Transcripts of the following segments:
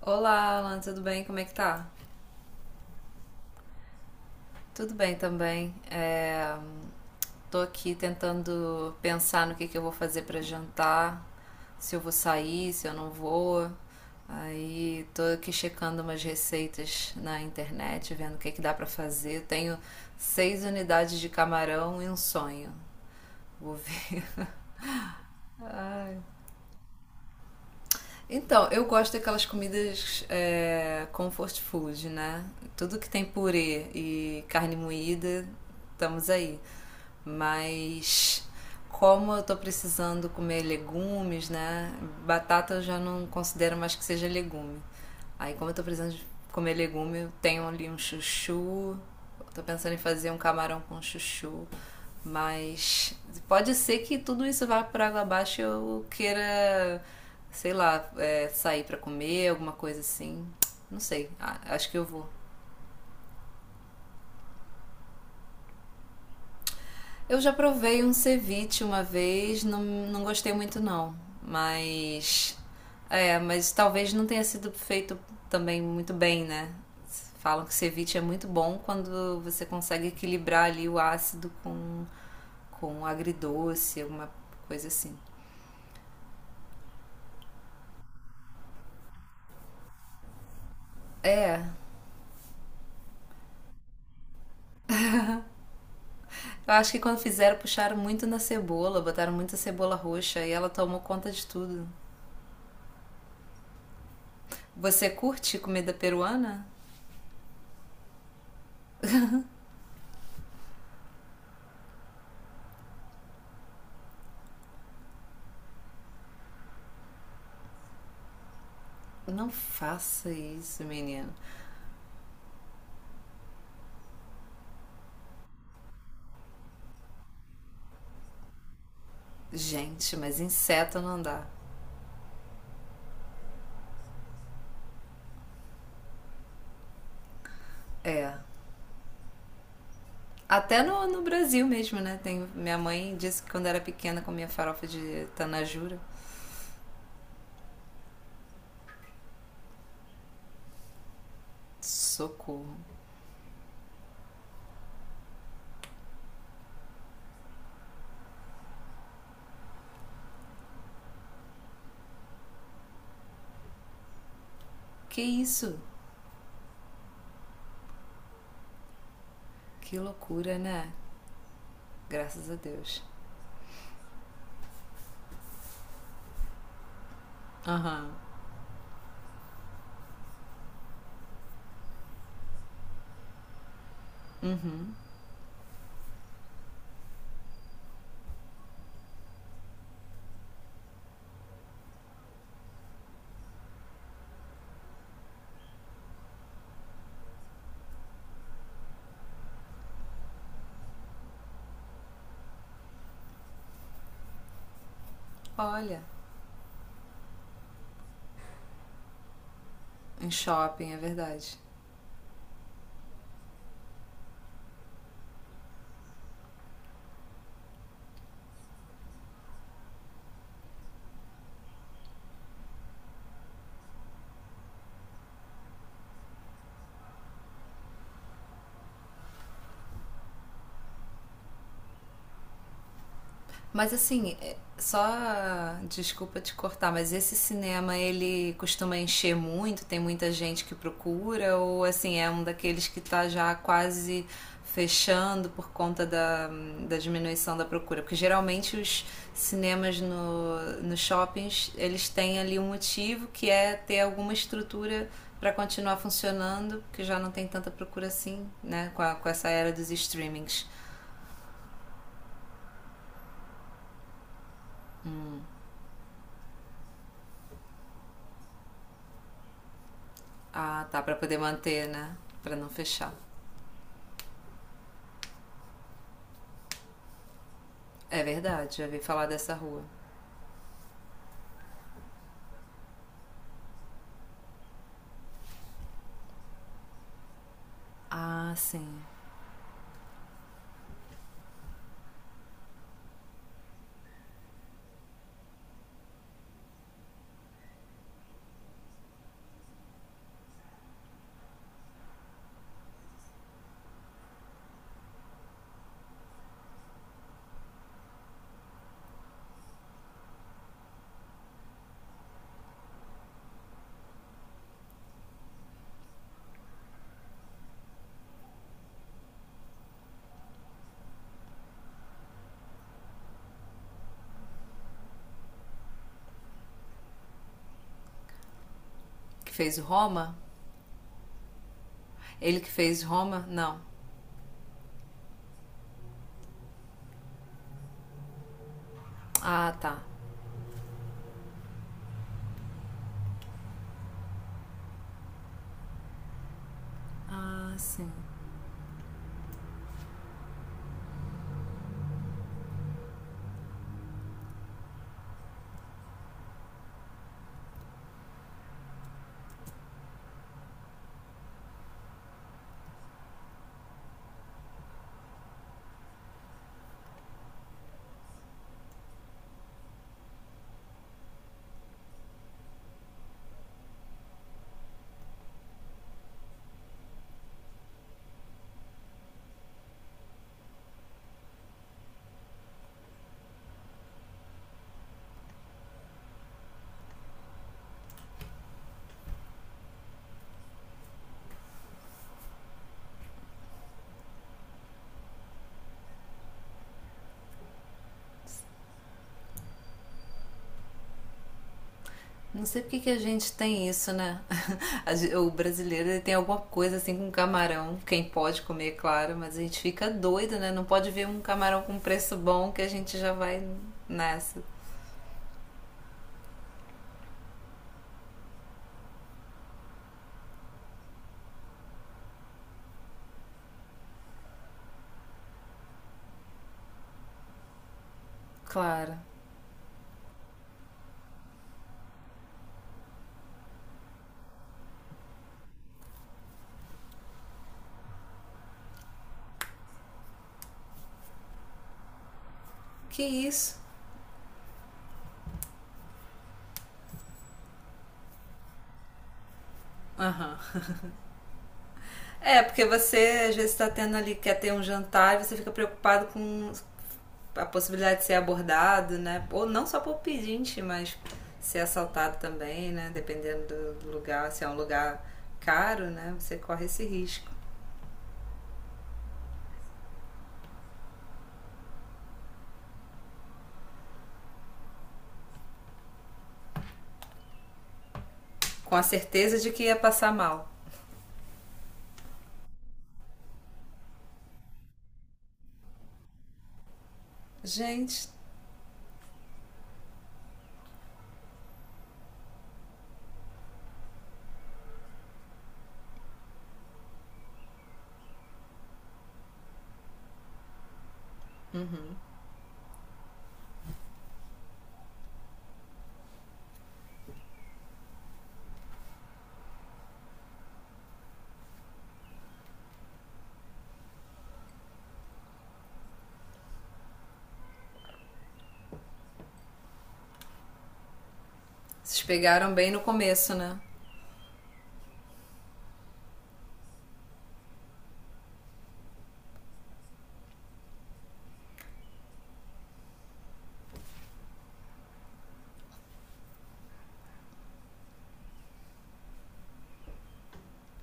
Olá, Alan, tudo bem? Como é que tá? Tudo bem também. Tô aqui tentando pensar no que eu vou fazer para jantar, se eu vou sair, se eu não vou. Aí tô aqui checando umas receitas na internet, vendo o que que dá para fazer. Tenho 6 unidades de camarão e um sonho. Vou ver. Ai. Então, eu gosto daquelas comidas comfort food, né? Tudo que tem purê e carne moída, estamos aí. Mas como eu tô precisando comer legumes, né? Batata eu já não considero mais que seja legume. Aí como eu tô precisando de comer legume, eu tenho ali um chuchu. Tô pensando em fazer um camarão com chuchu. Mas pode ser que tudo isso vá por água abaixo e eu queira, sei lá, sair pra comer, alguma coisa assim. Não sei. Ah, acho que eu vou. Eu já provei um ceviche uma vez, não, não gostei muito não, mas mas talvez não tenha sido feito também muito bem, né? Falam que ceviche é muito bom quando você consegue equilibrar ali o ácido com agridoce, alguma coisa assim. É. Eu acho que quando fizeram, puxaram muito na cebola, botaram muita cebola roxa e ela tomou conta de tudo. Você curte comida peruana? Não faça isso, menino. Gente, mas inseto não dá. É. Até no Brasil mesmo, né? Tem, minha mãe disse que quando era pequena comia farofa de tanajura. Socorro. Que isso? Que loucura, né? Graças a Deus. Aham. Uhum. Olha, em shopping, é verdade. Mas assim, só desculpa te cortar, mas esse cinema ele costuma encher muito, tem muita gente que procura, ou assim, é um daqueles que tá já quase fechando por conta da diminuição da procura? Porque geralmente os cinemas no, nos shoppings, eles têm ali um motivo que é ter alguma estrutura para continuar funcionando, porque já não tem tanta procura assim, né, com essa era dos streamings. Hum. Ah, tá, pra poder manter, né? Pra não fechar. É verdade, já vi falar dessa rua. Ah, sim. Que fez Roma? Ele que fez Roma? Não. Ah, tá. Ah, sim. Não sei porque que a gente tem isso, né? O brasileiro ele tem alguma coisa assim com camarão. Quem pode comer, claro, mas a gente fica doido, né? Não pode ver um camarão com preço bom que a gente já vai nessa. Claro. Que isso? Aham. É, porque você às vezes está tendo ali, quer ter um jantar e você fica preocupado com a possibilidade de ser abordado, né? Ou não só por pedinte, mas ser assaltado também, né? Dependendo do lugar, se é um lugar caro, né? Você corre esse risco. Com a certeza de que ia passar mal. Gente, vocês pegaram bem no começo, né?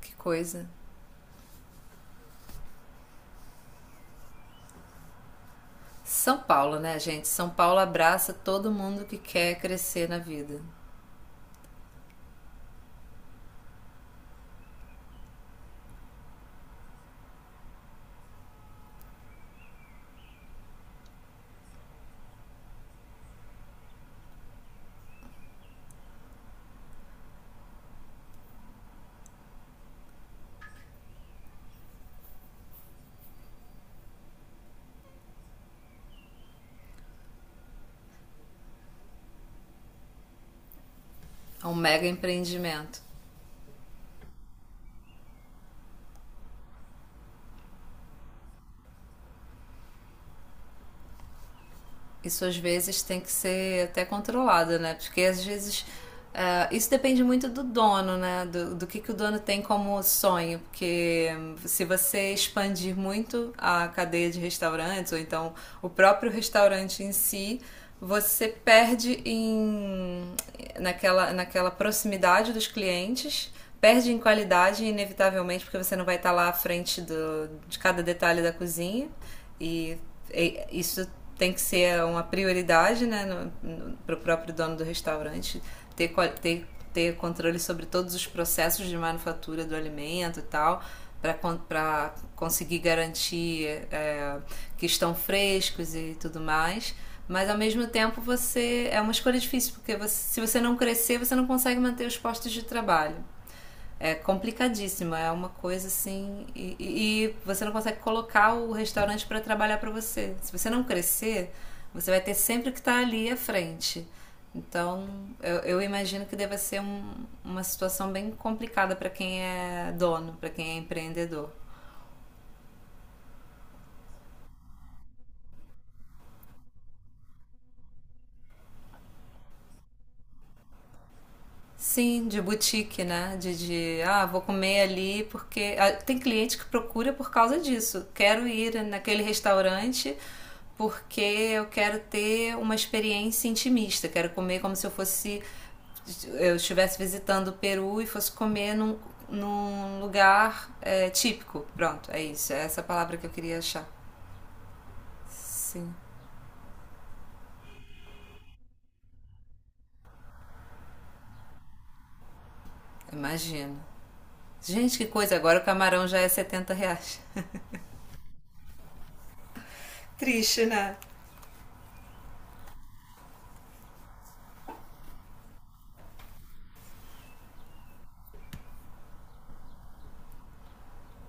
Que coisa. São Paulo, né, gente? São Paulo abraça todo mundo que quer crescer na vida. É um mega empreendimento. Isso às vezes tem que ser até controlado, né? Porque às vezes isso depende muito do dono, né? Do que o dono tem como sonho. Porque se você expandir muito a cadeia de restaurantes, ou então o próprio restaurante em si, você perde naquela proximidade dos clientes perde em qualidade, inevitavelmente, porque você não vai estar lá à frente de cada detalhe da cozinha. E isso tem que ser uma prioridade, né, para o próprio dono do restaurante ter, ter, ter controle sobre todos os processos de manufatura do alimento e tal, para conseguir garantir é, que estão frescos e tudo mais. Mas ao mesmo tempo você é uma escolha difícil, porque você, se você não crescer, você não consegue manter os postos de trabalho, é complicadíssima, é uma coisa assim. E você não consegue colocar o restaurante para trabalhar para você. Se você não crescer, você vai ter sempre que estar ali à frente. Então, eu imagino que deva ser uma situação bem complicada para quem é dono, para quem é empreendedor. Sim, de boutique, né? Vou comer ali porque. Ah, tem cliente que procura por causa disso. Quero ir naquele restaurante porque eu quero ter uma experiência intimista. Quero comer como se eu fosse. Eu estivesse visitando o Peru e fosse comer num lugar típico. Pronto, é isso. É essa palavra que eu queria achar. Sim, imagino. Gente, que coisa! Agora o camarão já é R$ 70. Triste, né?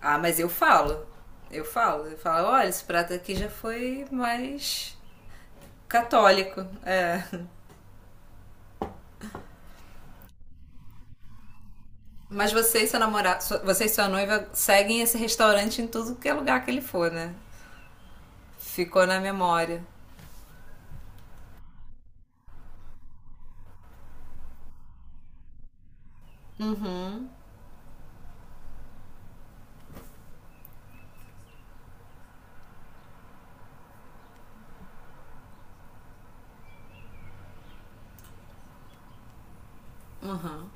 Ah, mas eu falo. Eu falo. Eu falo, olha, esse prato aqui já foi mais católico. É. Mas você e seu namorado, você e sua noiva seguem esse restaurante em tudo que é lugar que ele for, né? Ficou na memória. Uhum, uhum.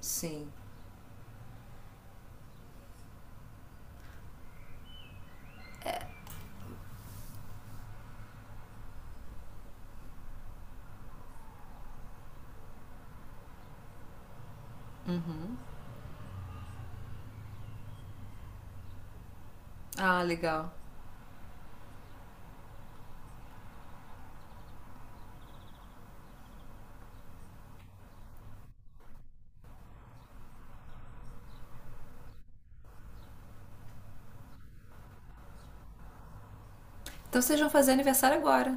Sim. Ah, legal. Então vocês vão fazer aniversário agora.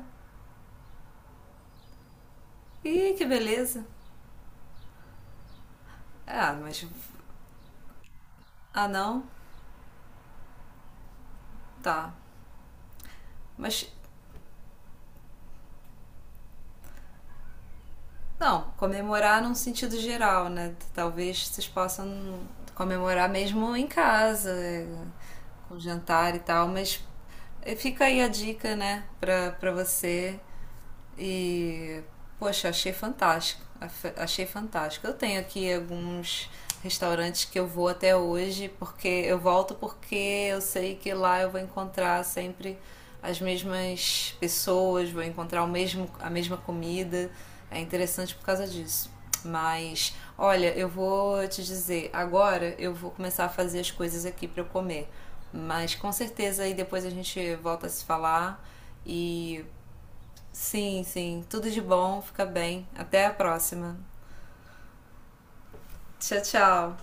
Ih, que beleza. Ah, mas. Ah, não? Tá. Mas Não, comemorar num sentido geral, né? Talvez vocês possam comemorar mesmo em casa, com jantar e tal, mas fica aí a dica, né, pra você e, poxa, achei fantástico. Achei fantástico. Eu tenho aqui alguns restaurantes que eu vou até hoje, porque eu volto porque eu sei que lá eu vou encontrar sempre as mesmas pessoas, vou encontrar a mesma comida. É interessante por causa disso. Mas, olha, eu vou te dizer, agora eu vou começar a fazer as coisas aqui para eu comer. Mas com certeza aí depois a gente volta a se falar e Sim, sim. Tudo de bom, fica bem. Até a próxima. Tchau, tchau.